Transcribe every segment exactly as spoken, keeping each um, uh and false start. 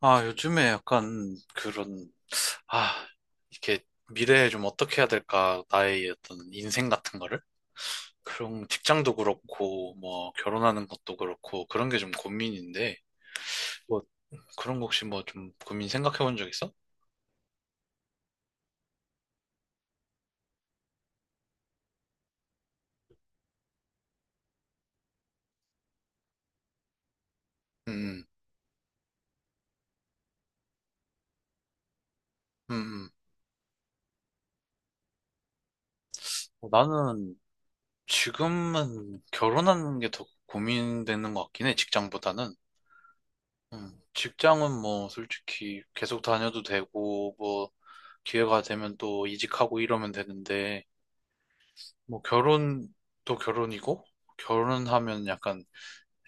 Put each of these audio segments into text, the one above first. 아, 요즘에 약간 그런, 아, 이렇게 미래에 좀 어떻게 해야 될까, 나의 어떤 인생 같은 거를? 그런 직장도 그렇고, 뭐, 결혼하는 것도 그렇고, 그런 게 좀 고민인데, 뭐, 그런 거 혹시 뭐 좀 고민 생각해 본 적 있어? 음, 음, 음. 음. 어, 나는 지금은 결혼하는 게 더 고민되는 것 같긴 해, 직장보다는. 음, 직장은 뭐, 솔직히 계속 다녀도 되고, 뭐, 기회가 되면 또 이직하고 이러면 되는데, 뭐 결혼도 결혼이고 결혼하면 약간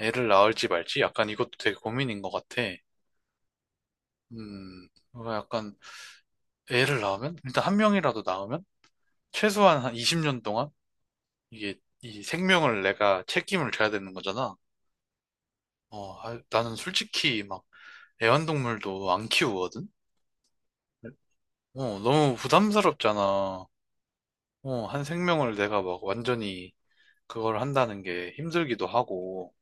애를 낳을지 말지 약간 이것도 되게 고민인 것 같아. 음, 뭔가 약간 애를 낳으면 일단 한 명이라도 낳으면 최소한 한 이십 년 동안 이게 이 생명을 내가 책임을 져야 되는 거잖아. 어, 아, 나는 솔직히 막 애완동물도 안 키우거든. 어, 너무 부담스럽잖아. 어, 한 생명을 내가 막 완전히 그걸 한다는 게 힘들기도 하고.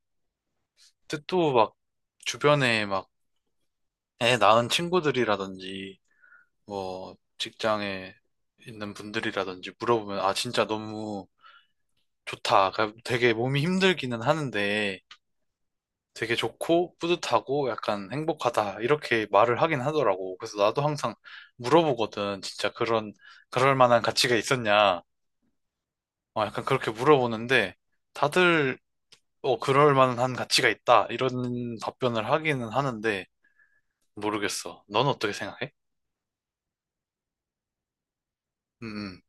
근데 또 막 주변에 애 낳은 친구들이라든지, 뭐, 직장에 있는 분들이라든지 물어보면, 아, 진짜 너무 좋다. 그러니까 되게 몸이 힘들기는 하는데, 되게 좋고, 뿌듯하고, 약간 행복하다. 이렇게 말을 하긴 하더라고. 그래서 나도 항상 물어보거든. 진짜 그런, 그럴 만한 가치가 있었냐. 어, 약간 그렇게 물어보는데, 다들, 어, 그럴 만한 가치가 있다. 이런 답변을 하기는 하는데, 모르겠어. 넌 어떻게 생각해? 음,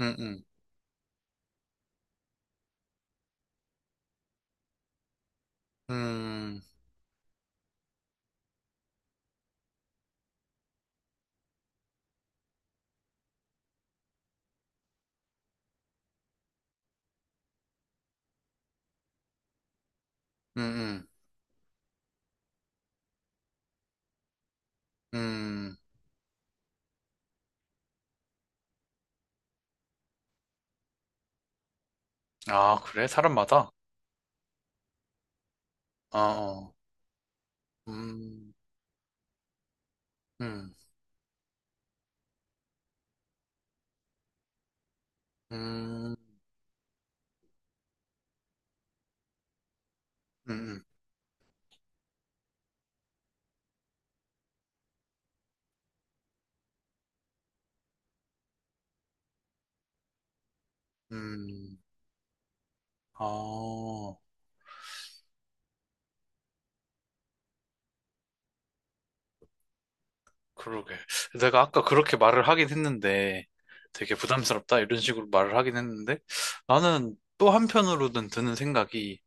음, 음, 음. 음. 음, 음, 음. 아, 그래? 사람마다? 아, 어. 음, 음, 음, 음, 음. 음. 아, 그러게. 내가 아까 그렇게 말을 하긴 했는데, 되게 부담스럽다, 이런 식으로 말을 하긴 했는데, 나는 또 한편으로는 드는 생각이,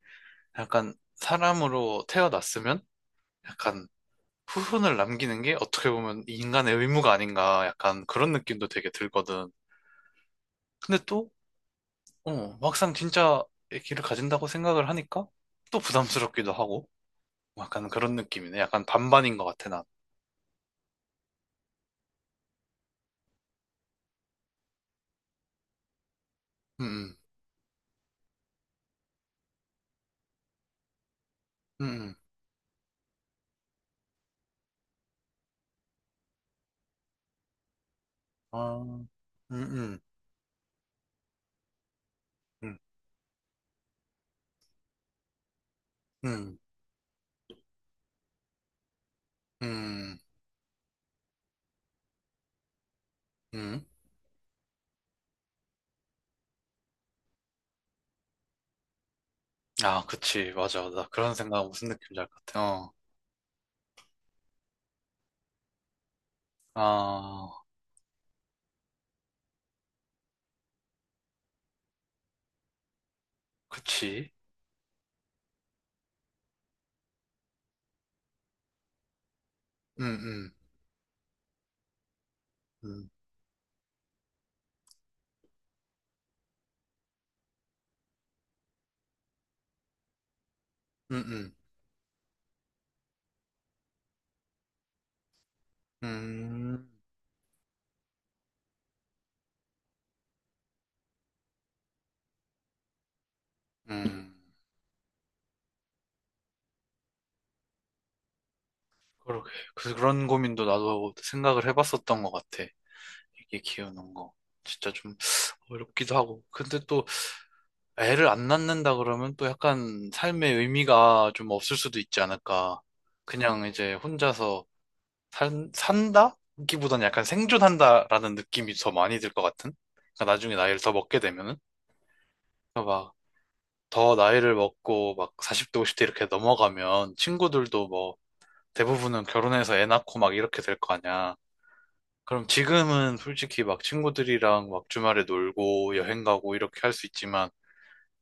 약간 사람으로 태어났으면, 약간 후손을 남기는 게 어떻게 보면 인간의 의무가 아닌가, 약간 그런 느낌도 되게 들거든. 근데 또 어, 막상 진짜 애기를 가진다고 생각을 하니까 또 부담스럽기도 하고 약간 그런 느낌이네. 약간 반반인 것 같아, 난. 음, 음, 음, 음. 아, 음, 음, 음, 음, 음, 음. 아, 그치, 맞아. 나 그런 생각 무슨 느낌인지 알 것 같아. 어, 아, 그치. 음, 음, 음, 음, 음, 음, 음. 그러게. 그- 그런 고민도 나도 생각을 해봤었던 것 같아. 애기 키우는 거. 진짜 좀 어렵기도 하고. 근데 또 애를 안 낳는다 그러면 또 약간 삶의 의미가 좀 없을 수도 있지 않을까. 그냥 이제 혼자서 산, 산다? 기보는 약간 생존한다라는 느낌이 더 많이 들 것 같은? 그러니까 나중에 나이를 더 먹게 되면은? 그러니까 막더 나이를 먹고 막 사십 대, 오십 대 이렇게 넘어가면 친구들도 뭐 대부분은 결혼해서 애 낳고 막 이렇게 될 거 아니야. 그럼 지금은 솔직히 막 친구들이랑 막 주말에 놀고 여행 가고 이렇게 할 수 있지만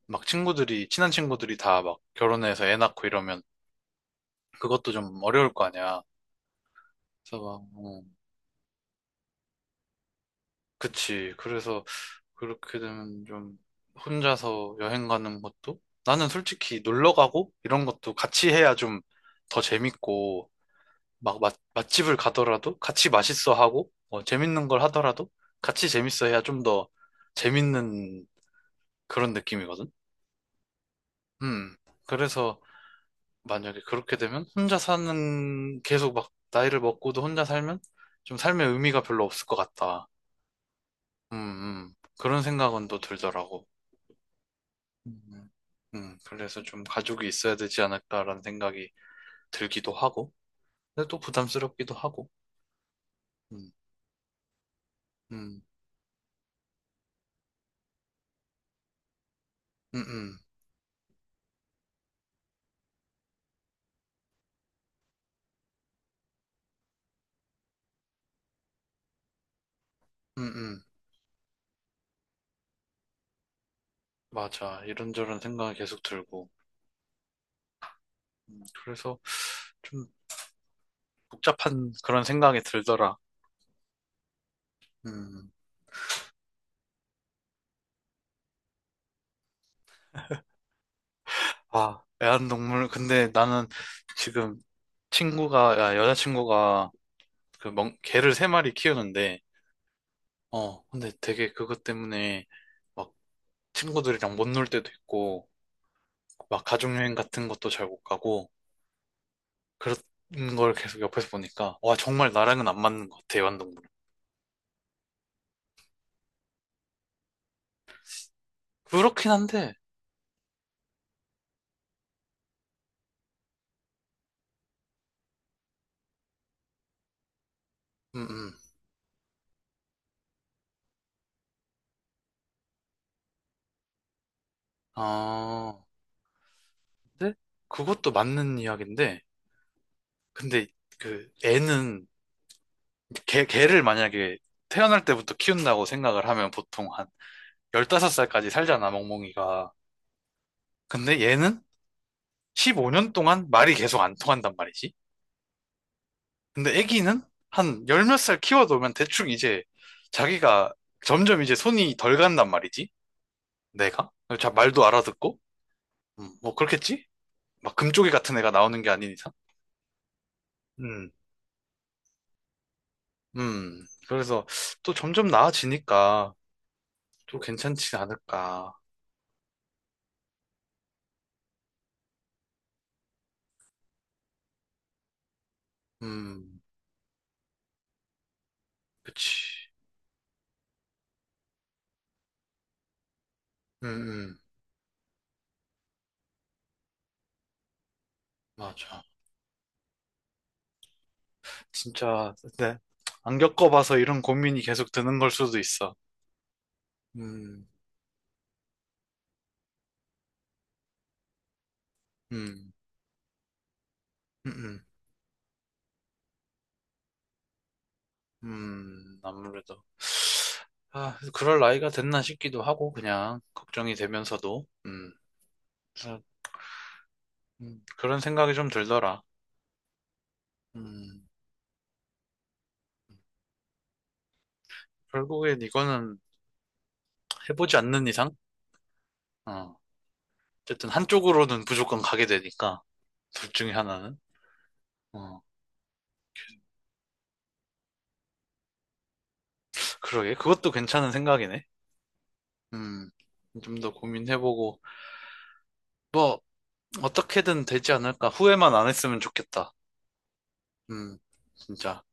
막 친구들이, 친한 친구들이 다 막 결혼해서 애 낳고 이러면 그것도 좀 어려울 거 아니야. 그래서 막, 어, 그치. 그래서 그렇게 되면 좀 혼자서 여행 가는 것도 나는 솔직히 놀러 가고 이런 것도 같이 해야 좀 더 재밌고 막 맛, 맛집을 가더라도 같이 맛있어 하고 뭐 재밌는 걸 하더라도 같이 재밌어 해야 좀 더 재밌는 그런 느낌이거든. 음. 그래서 만약에 그렇게 되면 혼자 사는 계속 막 나이를 먹고도 혼자 살면 좀 삶의 의미가 별로 없을 것 같다. 음, 음. 그런 생각은 또 들더라고. 음, 음. 그래서 좀 가족이 있어야 되지 않을까라는 생각이 들기도 하고, 근데 또 부담스럽기도 하고. 음, 음, 음, 음, 음, 음. 맞아. 이런저런 생각이 계속 들고. 음, 그래서 좀 복잡한 그런 생각이 들더라. 음. 아, 애완동물. 근데 나는 지금 친구가, 야, 여자친구가 그 멍, 개를 세 마리 키우는데, 어, 근데 되게 그것 때문에 막 친구들이랑 못 놀 때도 있고, 막 가족여행 같은 것도 잘 못 가고, 그런 걸 계속 옆에서 보니까, 와, 정말 나랑은 안 맞는 것 같아, 애완동물. 그렇긴 한데, 음, 음. 아, 근데 그것도 맞는 이야기인데, 근데 그 애는, 개, 개를 만약에 태어날 때부터 키운다고 생각을 하면 보통 한 열다섯 살까지 살잖아, 멍멍이가. 근데 얘는 십오 년 동안 말이 계속 안 통한단 말이지. 근데 애기는 한 열 몇 살 키워놓으면 대충 이제 자기가 점점 이제 손이 덜 간단 말이지. 내가? 자, 말도 알아듣고? 음, 뭐 그렇겠지? 막 금쪽이 같은 애가 나오는 게 아닌 이상? 음, 음. 그래서 또 점점 나아지니까 또 괜찮지 않을까. 음, 그치. 음, 음. 맞아. 진짜, 네. 안 겪어봐서 이런 고민이 계속 드는 걸 수도 있어. 음, 음. 음, 음, 음, 아무래도. 아, 그럴 나이가 됐나 싶기도 하고, 그냥, 걱정이 되면서도, 음, 그래서, 음, 그런 생각이 좀 들더라. 음, 결국엔 이거는 해보지 않는 이상, 어, 어쨌든 한쪽으로는 무조건 가게 되니까, 둘 중에 하나는. 어, 그러게, 그것도 괜찮은 생각이네. 음, 좀 더 고민해보고, 뭐, 어떻게든 되지 않을까. 후회만 안 했으면 좋겠다. 음, 진짜.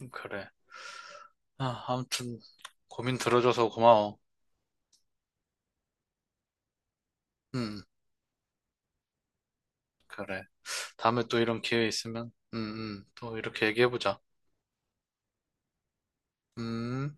음, 그래. 아, 아무튼 고민 들어줘서 고마워. 음, 그래. 다음에 또 이런 기회 있으면, 음, 음, 또 이렇게 얘기해보자. 음.